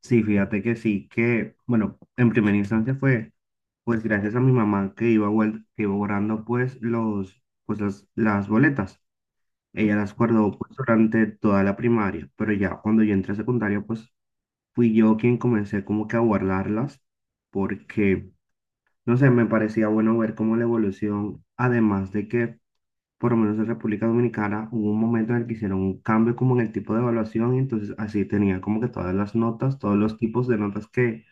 Sí, fíjate que sí, que, bueno, en primera instancia fue, pues gracias a mi mamá que que iba guardando, pues, las boletas. Ella las guardó, pues, durante toda la primaria, pero ya cuando yo entré a secundaria, pues, fui yo quien comencé como que a guardarlas, porque, no sé, me parecía bueno ver cómo la evolución, además de que, por lo menos en República Dominicana, hubo un momento en el que hicieron un cambio como en el tipo de evaluación, y entonces así tenía como que todas las notas, todos los tipos de notas que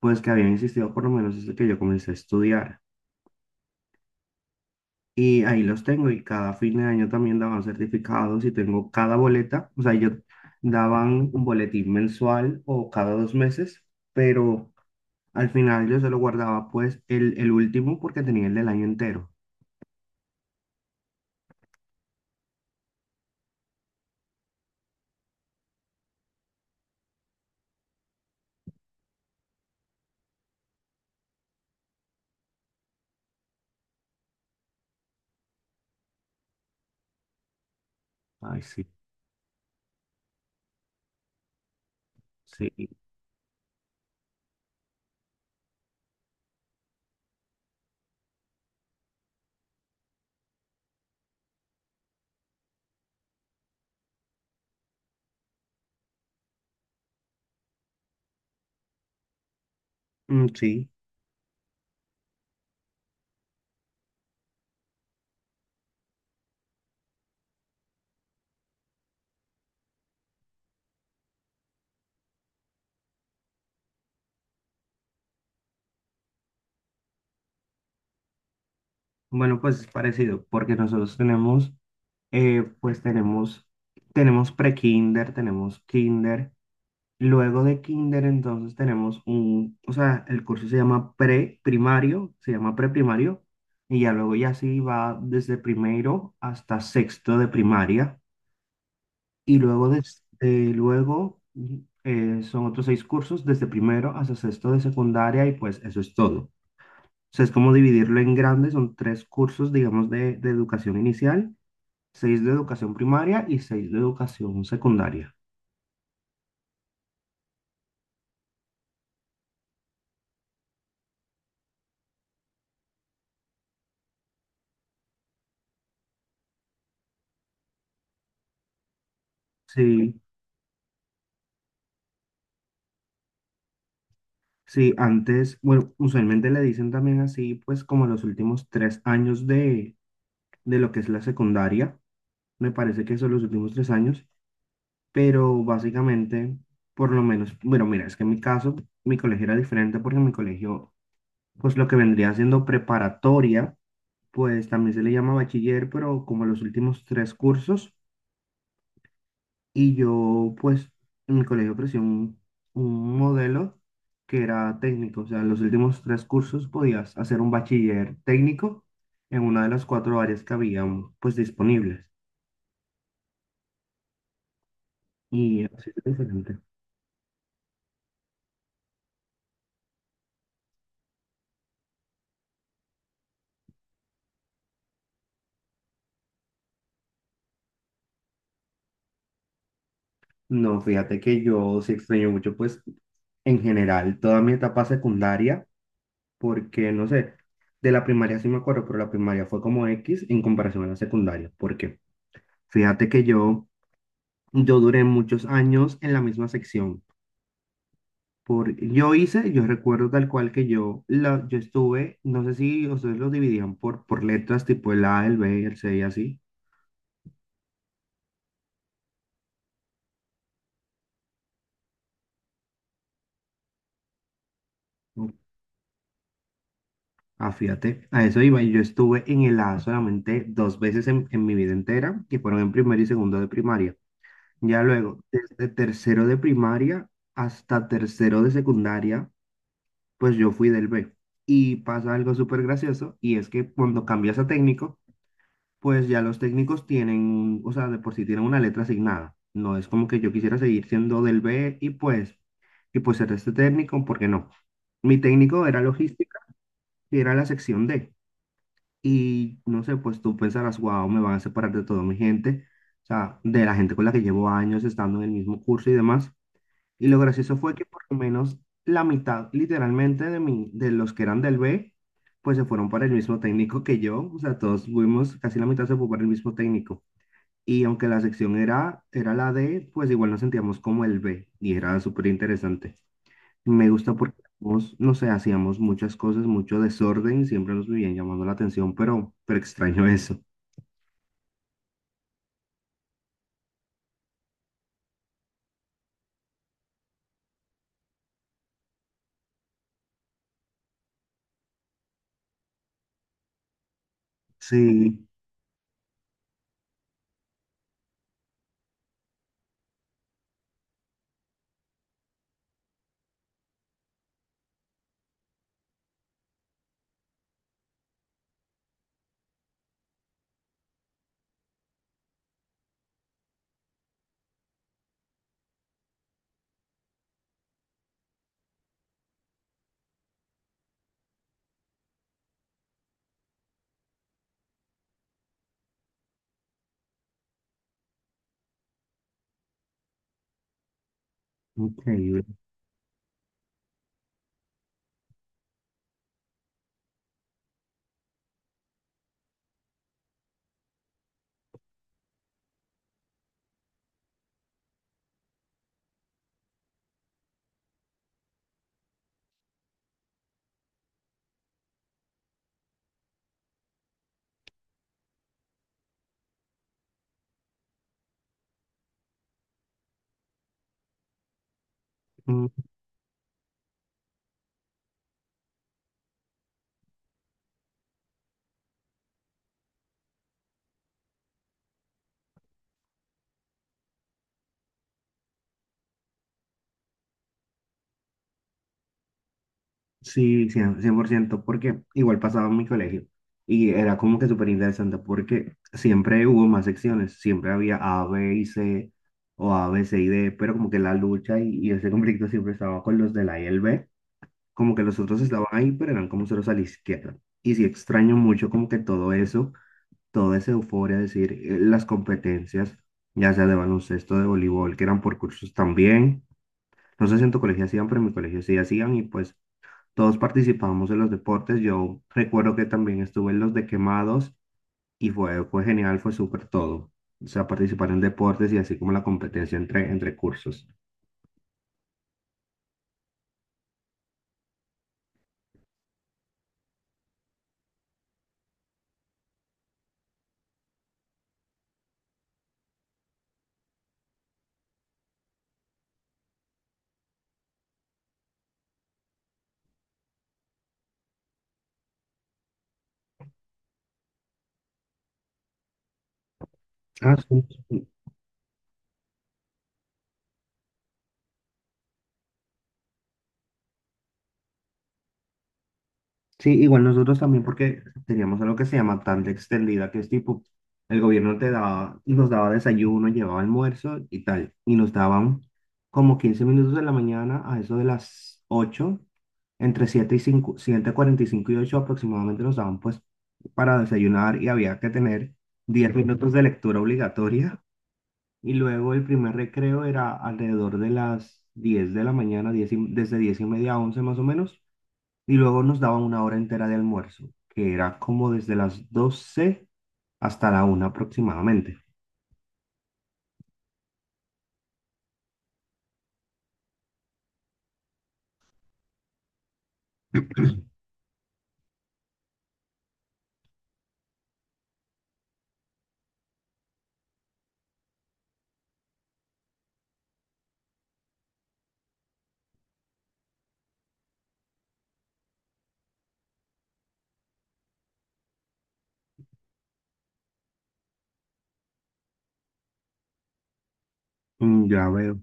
pues que habían existido por lo menos desde que yo comencé a estudiar. Y ahí los tengo y cada fin de año también daban certificados y tengo cada boleta, o sea, yo daban un boletín mensual o cada 2 meses, pero al final yo se lo guardaba pues el último porque tenía el del año entero. Ay, sí, sí, mm, sí. Bueno, pues es parecido porque nosotros tenemos, pues tenemos, pre-kinder, tenemos kinder. Luego de kinder, entonces tenemos un, o sea, el curso se llama preprimario, y ya luego ya sí va desde primero hasta sexto de primaria, y luego, luego son otros seis cursos desde primero hasta sexto de secundaria, y pues eso es todo. O sea, es como dividirlo en grandes, son tres cursos, digamos, de educación inicial, seis de educación primaria y seis de educación secundaria. Sí. Sí, antes, bueno, usualmente le dicen también así, pues como los últimos 3 años de lo que es la secundaria, me parece que son los últimos 3 años, pero básicamente, por lo menos, bueno, mira, es que en mi caso, mi colegio era diferente porque en mi colegio, pues lo que vendría siendo preparatoria, pues también se le llama bachiller, pero como los últimos tres cursos. Y yo, pues, en mi colegio ofrecí un modelo que era técnico, o sea, los últimos tres cursos podías hacer un bachiller técnico en una de las cuatro áreas que habían, pues, disponibles. Y así es diferente. No, fíjate que yo sí extraño mucho, pues, en general, toda mi etapa secundaria, porque, no sé, de la primaria sí me acuerdo, pero la primaria fue como X en comparación a la secundaria, porque fíjate que yo duré muchos años en la misma sección. Yo recuerdo tal cual que yo estuve, no sé si ustedes lo dividían por letras, tipo el A, el B, el C y así. ¿No? Ah, fíjate, a eso iba. Y yo estuve en el A solamente dos veces en mi vida entera, que fueron en primero y segundo de primaria. Ya luego, desde tercero de primaria hasta tercero de secundaria, pues yo fui del B. Y pasa algo súper gracioso, y es que cuando cambias a técnico, pues ya los técnicos tienen, o sea, de por sí tienen una letra asignada. No es como que yo quisiera seguir siendo del B y pues ser este técnico, porque no. Mi técnico era logística y era la sección D. Y no sé, pues tú pensarás, wow, me van a separar de toda mi gente, o sea, de la gente con la que llevo años estando en el mismo curso y demás. Y lo gracioso fue que por lo menos la mitad, literalmente, de los que eran del B, pues se fueron para el mismo técnico que yo. O sea, todos fuimos, casi la mitad se fue para el mismo técnico. Y aunque la sección era la D, pues igual nos sentíamos como el B y era súper interesante. Me gusta porque hacíamos, no sé, hacíamos muchas cosas, mucho desorden, siempre nos vivían llamando la atención, pero extraño eso. Sí, increíble. Mm. Sí, 100%, porque igual pasaba en mi colegio y era como que súper interesante porque siempre hubo más secciones, siempre había A, B y C o A, B, C y D, pero como que la lucha y ese conflicto siempre estaba con los del A y el B. Como que los otros estaban ahí, pero eran como ceros a la izquierda. Y sí extraño mucho como que todo eso, toda esa euforia, es decir, las competencias, ya sea de baloncesto, de voleibol, que eran por cursos también. No sé si en tu colegio hacían, pero en mi colegio sí hacían y pues todos participábamos en los deportes. Yo recuerdo que también estuve en los de quemados y fue genial, fue súper todo. O sea, participar en deportes y así como la competencia entre cursos. Ah, sí. Sí, igual nosotros también porque teníamos algo que se llama tanda extendida, que es tipo, el gobierno te daba, nos daba desayuno, llevaba almuerzo y tal, y nos daban como 15 minutos de la mañana a eso de las ocho, entre 7 y cuarenta y cinco y ocho aproximadamente nos daban pues para desayunar y había que tener 10 minutos de lectura obligatoria y luego el primer recreo era alrededor de las 10 de la mañana, desde 10 y media a 11 más o menos y luego nos daban una hora entera de almuerzo, que era como desde las 12 hasta la una aproximadamente. Mm, ya veo.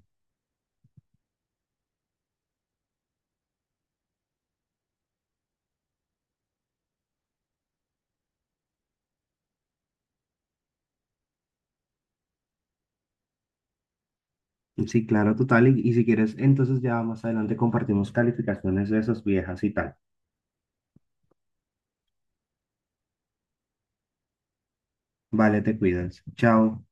Sí, claro, total. Y si quieres, entonces ya más adelante compartimos calificaciones de esas viejas y tal. Vale, te cuidas. Chao.